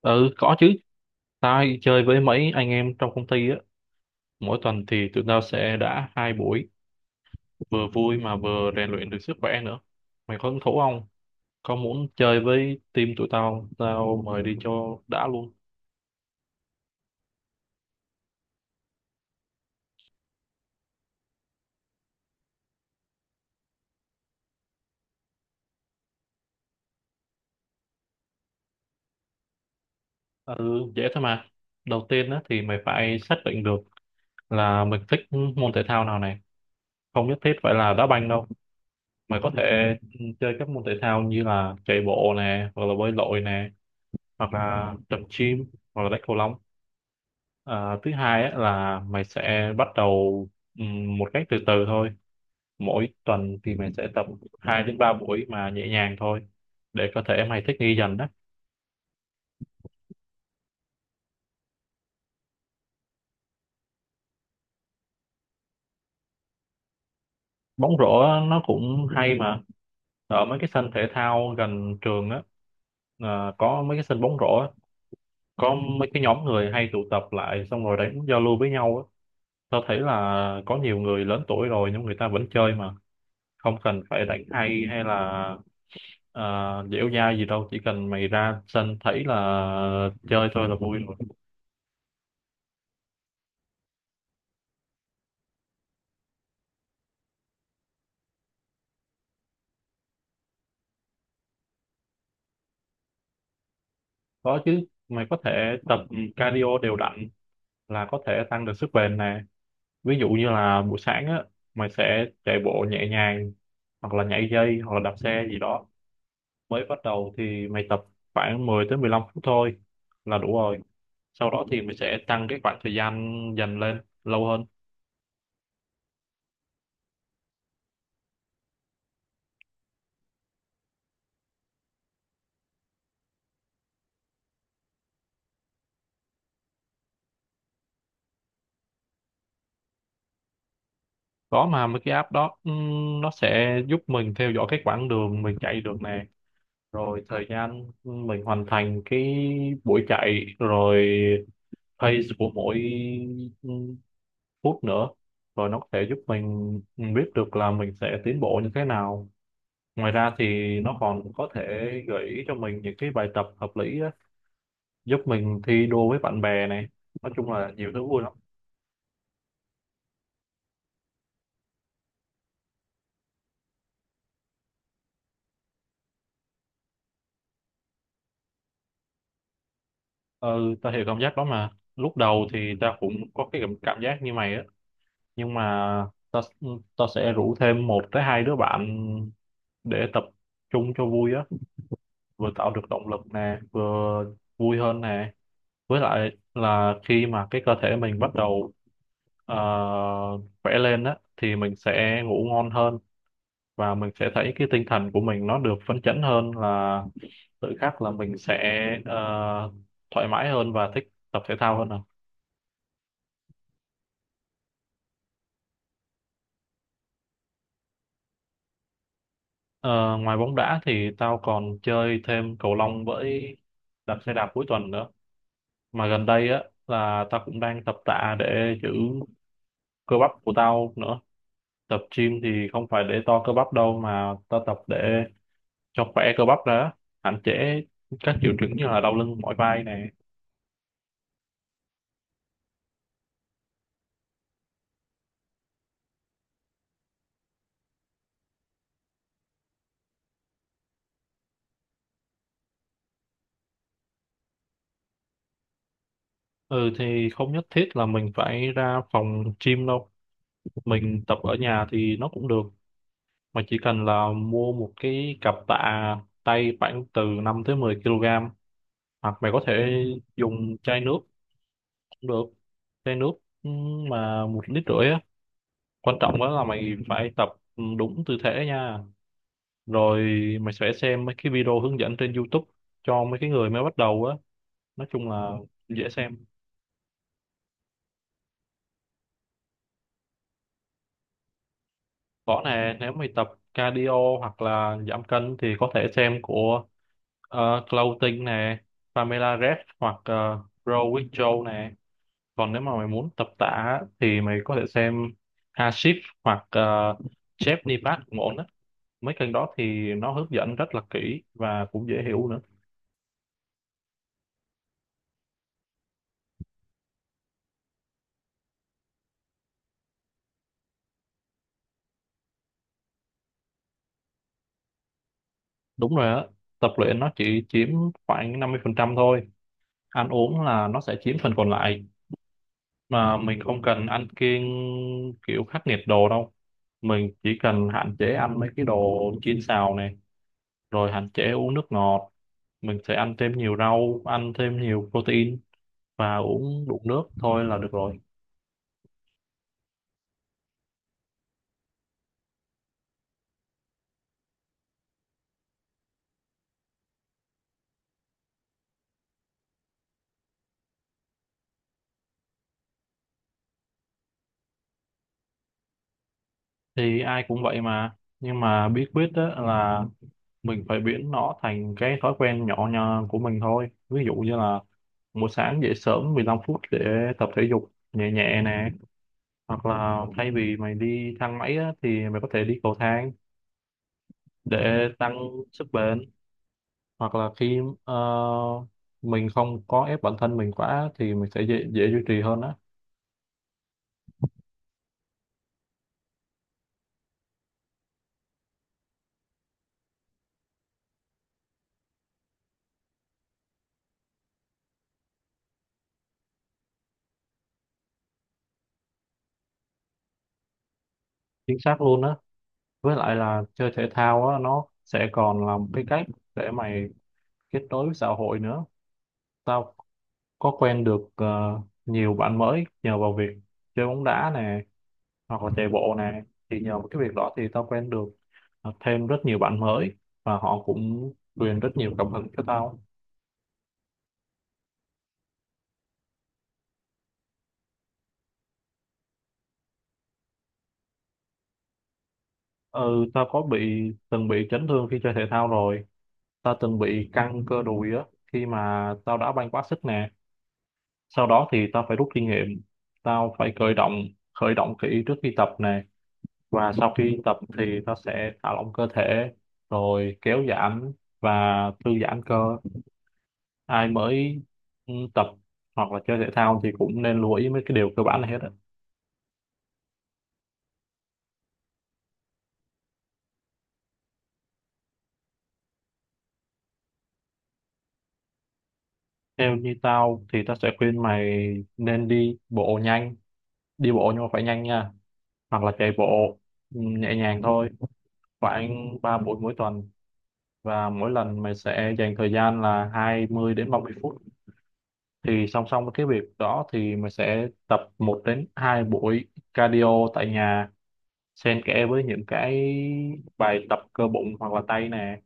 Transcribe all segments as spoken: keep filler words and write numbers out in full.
Ừ, có chứ. Tao hay chơi với mấy anh em trong công ty á. Mỗi tuần thì tụi tao sẽ đã hai buổi, vừa vui mà vừa rèn luyện được sức khỏe nữa. Mày có hứng thú không? Có muốn chơi với team tụi tao, tao mời đi cho đã luôn. Ừ, dễ thôi mà. Đầu tiên á, thì mày phải xác định được là mình thích môn thể thao nào này. Không nhất thiết phải là đá banh đâu. Mày có thể chơi các môn thể thao như là chạy bộ nè, hoặc là bơi lội nè, hoặc là tập gym, hoặc là đánh cầu lông. À, thứ hai á, là mày sẽ bắt đầu ừm, một cách từ từ thôi. Mỗi tuần thì mày sẽ tập hai đến ba buổi mà nhẹ nhàng thôi, để có thể mày thích nghi dần đó. Bóng rổ á, nó cũng hay mà. Ở mấy cái sân thể thao gần trường á, à, có mấy cái sân bóng rổ á, có mấy cái nhóm người hay tụ tập lại xong rồi đánh giao lưu với nhau á. Tao thấy là có nhiều người lớn tuổi rồi nhưng người ta vẫn chơi mà không cần phải đánh hay hay là. À, dẻo dai gì đâu, chỉ cần mày ra sân thấy là chơi thôi là vui rồi. Có chứ, mày có thể tập cardio đều đặn là có thể tăng được sức bền nè. Ví dụ như là buổi sáng á, mày sẽ chạy bộ nhẹ nhàng hoặc là nhảy dây hoặc là đạp xe gì đó. Mới bắt đầu thì mày tập khoảng mười tới mười lăm phút thôi là đủ rồi. Sau đó thì mày sẽ tăng cái khoảng thời gian dần lên lâu hơn. Có mà, mấy cái app đó ừm, nó sẽ giúp mình theo dõi cái quãng đường mình chạy được nè, rồi thời gian mình hoàn thành cái buổi chạy, rồi pace của mỗi ừ, phút nữa. Rồi nó có thể giúp mình biết được là mình sẽ tiến bộ như thế nào. Ngoài ra thì nó còn có thể gợi ý cho mình những cái bài tập hợp lý á, giúp mình thi đua với bạn bè này. Nói chung là nhiều thứ vui lắm. Ừ, ta hiểu cảm giác đó mà. Lúc đầu thì ta cũng có cái cảm cảm giác như mày á, nhưng mà ta ta sẽ rủ thêm một tới hai đứa bạn để tập trung cho vui á, vừa tạo được động lực nè, vừa vui hơn nè. Với lại là khi mà cái cơ thể mình bắt đầu ờ, khỏe lên á thì mình sẽ ngủ ngon hơn, và mình sẽ thấy cái tinh thần của mình nó được phấn chấn hơn, là tự khắc là mình sẽ ờ, thoải mái hơn và thích tập thể thao hơn à. Ờ, ngoài bóng đá thì tao còn chơi thêm cầu lông với đạp xe đạp cuối tuần nữa. Mà gần đây á là tao cũng đang tập tạ để giữ cơ bắp của tao nữa. Tập gym thì không phải để to cơ bắp đâu, mà tao tập để cho khỏe cơ bắp ra, hạn chế các triệu chứng như là đau lưng mỏi vai này. Ừ, thì không nhất thiết là mình phải ra phòng gym đâu, mình tập ở nhà thì nó cũng được. Mà chỉ cần là mua một cái cặp tạ tay khoảng từ năm tới mười ký, hoặc mày có thể dùng chai nước cũng được. Chai nước ừ, mà một lít rưỡi á. Quan trọng đó là mày phải tập đúng tư thế nha. Rồi mày sẽ xem mấy cái video hướng dẫn trên YouTube cho mấy cái người mới bắt đầu á. Nói chung là dễ xem. Có nè, nếu mày tập cardio hoặc là giảm cân thì có thể xem của uh, Clothing nè, Pamela Reif, hoặc uh, Grow with Joe nè. Còn nếu mà mày muốn tập tạ á, thì mày có thể xem Hashif hoặc uh, Jeff Nipat cũng ổn á. Mấy kênh đó thì nó hướng dẫn rất là kỹ và cũng dễ hiểu nữa. Đúng rồi á, tập luyện nó chỉ chiếm khoảng năm mươi phần trăm thôi, ăn uống là nó sẽ chiếm phần còn lại. Mà mình không cần ăn kiêng kiểu khắc nghiệt đồ đâu, mình chỉ cần hạn chế ăn mấy cái đồ chiên xào này, rồi hạn chế uống nước ngọt. Mình sẽ ăn thêm nhiều rau, ăn thêm nhiều protein và uống đủ nước thôi là được rồi. Thì ai cũng vậy mà, nhưng mà bí quyết đó là mình phải biến nó thành cái thói quen nhỏ nhặt của mình thôi. Ví dụ như là buổi sáng dậy sớm mười lăm phút để tập thể dục nhẹ nhẹ nè, hoặc là thay vì mày đi thang máy á, thì mày có thể đi cầu thang để tăng sức bền. Hoặc là khi ờ, mình không có ép bản thân mình quá thì mình sẽ dễ, dễ duy trì hơn á. Chính xác luôn á. Với lại là chơi thể thao á, nó sẽ còn là một cái cách để mày kết nối với xã hội nữa. Tao có quen được ờ, nhiều bạn mới nhờ vào việc chơi bóng đá nè, hoặc là chạy bộ nè. Thì nhờ vào cái việc đó thì tao quen được ờ, thêm rất nhiều bạn mới, và họ cũng truyền rất nhiều cảm hứng cho tao. Ừ, tao có bị từng bị chấn thương khi chơi thể thao rồi. Tao từng bị căng cơ đùi á, khi mà tao đã banh quá sức nè. Sau đó thì tao phải rút kinh nghiệm, tao phải khởi động, khởi động kỹ trước khi tập nè. Và sau khi tập thì tao sẽ thả lỏng cơ thể, rồi kéo giãn và thư giãn cơ. Ai mới ừ, tập hoặc là chơi thể thao thì cũng nên lưu ý mấy cái điều cơ bản này hết á. Theo như tao thì tao sẽ khuyên mày nên đi bộ nhanh, đi bộ nhưng mà phải nhanh nha, hoặc là chạy bộ ừ, nhẹ nhàng thôi, khoảng ba buổi mỗi tuần, và mỗi lần mày sẽ dành thời gian là hai mươi đến ba mươi phút. Thì song song với cái việc đó thì mày sẽ tập một đến hai buổi cardio tại nhà, xen kẽ với những cái bài tập cơ bụng hoặc là tay nè.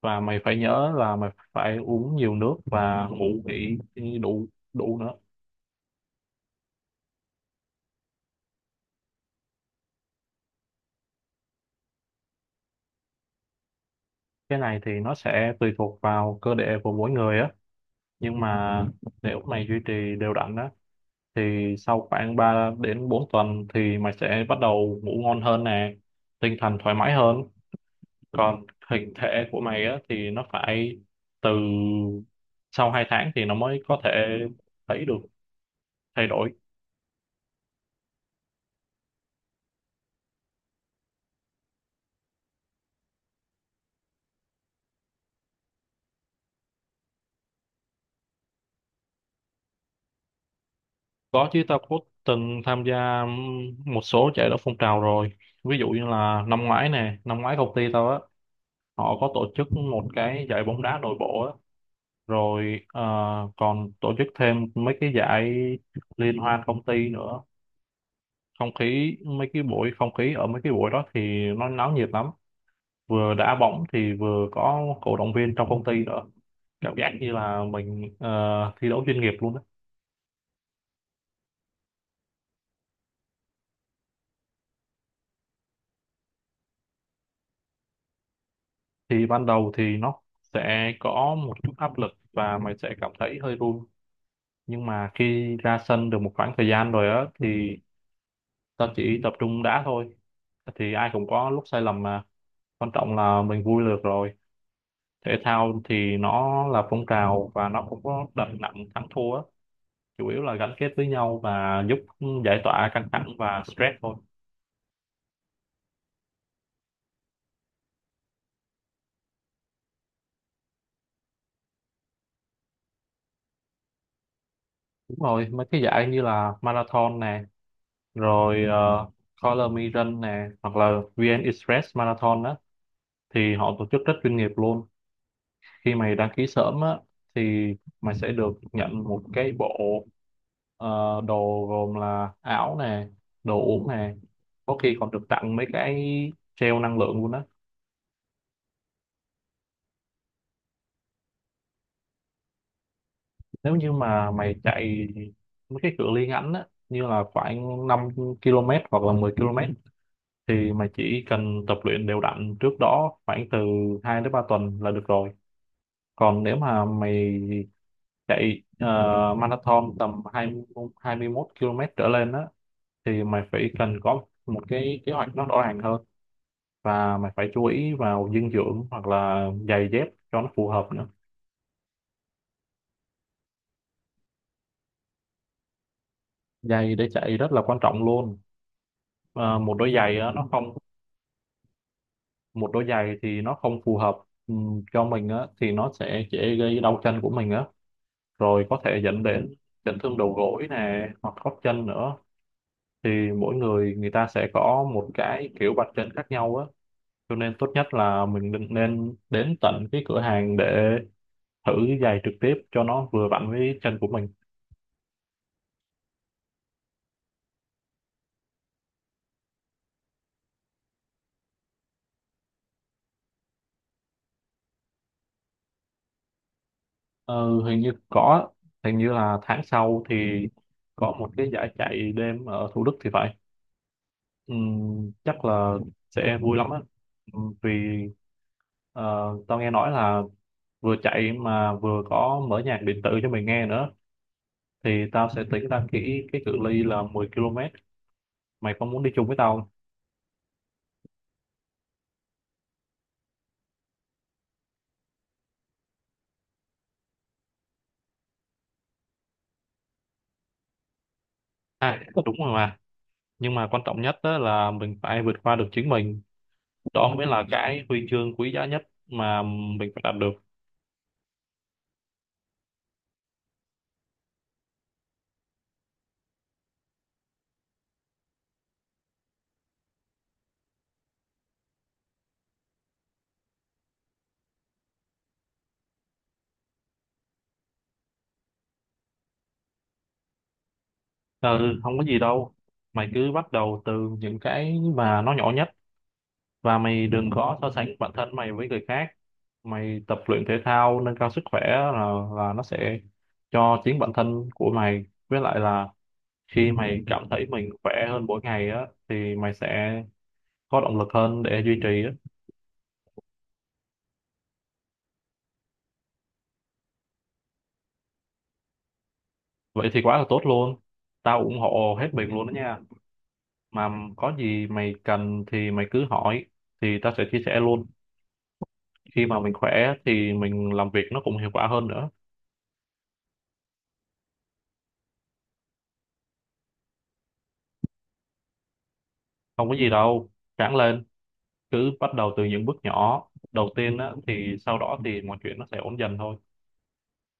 Và mày phải nhớ là mày phải uống nhiều nước và ngủ nghỉ đủ, đủ nữa. Cái này thì nó sẽ tùy thuộc vào cơ địa của mỗi người á. Nhưng mà nếu mày duy trì đều đặn á, thì sau khoảng ba đến bốn tuần thì mày sẽ bắt đầu ngủ ngon hơn nè, tinh thần thoải mái hơn. Còn hình thể của mày á thì nó phải từ sau hai tháng thì nó mới có thể thấy được thay đổi. Có chứ, tao cũng từng tham gia một số giải đấu phong trào rồi. Ví dụ như là năm ngoái nè, năm ngoái công ty tao á họ có tổ chức một cái giải bóng đá nội bộ á. Rồi ờ, còn tổ chức thêm mấy cái giải liên hoan công ty nữa. Không khí mấy cái buổi Không khí ở mấy cái buổi đó thì nó náo nhiệt lắm, vừa đá bóng thì vừa có cổ động viên trong công ty nữa. Cảm giác như là mình ờ, thi đấu chuyên nghiệp luôn đó. Thì ban đầu thì nó sẽ có một chút áp lực và mày sẽ cảm thấy hơi run. Nhưng mà khi ra sân được một khoảng thời gian rồi á, thì tao chỉ tập trung đá thôi. Thì ai cũng có lúc sai lầm mà, quan trọng là mình vui được rồi. Thể thao thì nó là phong trào và nó không có đặt nặng thắng thua á. Chủ yếu là gắn kết với nhau và giúp giải tỏa căng thẳng và stress thôi. Đúng rồi, mấy cái giải như là marathon nè, rồi uh, Color Me Run nè, hoặc là vê en Express Marathon á, thì họ tổ chức rất chuyên nghiệp luôn. Khi mày đăng ký sớm á thì mày sẽ được nhận một cái bộ ờ, đồ gồm là áo nè, đồ uống nè, có khi còn được tặng mấy cái gel năng lượng luôn á. Nếu như mà mày chạy mấy cái cự ly ngắn á, như là khoảng năm ki lô mét hoặc là mười ki lô mét, thì mày chỉ cần tập luyện đều đặn trước đó khoảng từ hai đến ba tuần là được rồi. Còn nếu mà mày chạy ờ, marathon tầm hai mươi, hai mươi mốt ki lô mét trở lên á, thì mày phải cần có một cái kế hoạch nó rõ ràng hơn, và mày phải chú ý vào dinh dưỡng hoặc là giày dép cho nó phù hợp nữa. Giày để chạy rất là quan trọng luôn. Ờ, một đôi giày á, nó không Một đôi giày thì nó không phù hợp ừm, cho mình á thì nó sẽ dễ gây đau chân của mình á, rồi có thể dẫn đến chấn thương đầu gối nè, hoặc gót chân nữa. Thì mỗi người người, ta sẽ có một cái kiểu bật chân khác nhau á. Cho nên tốt nhất là mình nên nên đến tận cái cửa hàng để thử giày trực tiếp cho nó vừa vặn với chân của mình. Ừ, hình như có. Hình như là tháng sau thì có một cái giải chạy đêm ở Thủ Đức thì phải. Ừm, chắc là sẽ vui lắm á. Ừm, vì ờ, tao nghe nói là vừa chạy mà vừa có mở nhạc điện tử cho mình nghe nữa. Thì tao sẽ tính ra kỹ cái cự ly là mười ki lô mét. Mày có muốn đi chung với tao không? À, đúng rồi mà, nhưng mà quan trọng nhất đó là mình phải vượt qua được chính mình. Đó mới là cái huy chương quý giá nhất mà mình phải đạt được. Ừ, không có gì đâu, mày cứ bắt đầu từ những cái mà nó nhỏ nhất, và mày đừng có so sánh bản thân mày với người khác. Mày tập luyện thể thao nâng cao sức khỏe là, là nó sẽ cho chính bản thân của mày. Với lại là khi mày cảm thấy mình khỏe hơn mỗi ngày á thì mày sẽ có động lực hơn để duy trì á. Vậy thì quá là tốt luôn, tao ủng hộ hết mình luôn đó nha. Mà có gì mày cần thì mày cứ hỏi, thì tao sẽ chia sẻ luôn. Khi mà mình khỏe thì mình làm việc nó cũng hiệu quả hơn nữa. Không có gì đâu, ráng lên. Cứ bắt đầu từ những bước nhỏ đầu tiên á, thì sau đó thì mọi chuyện nó sẽ ổn dần thôi.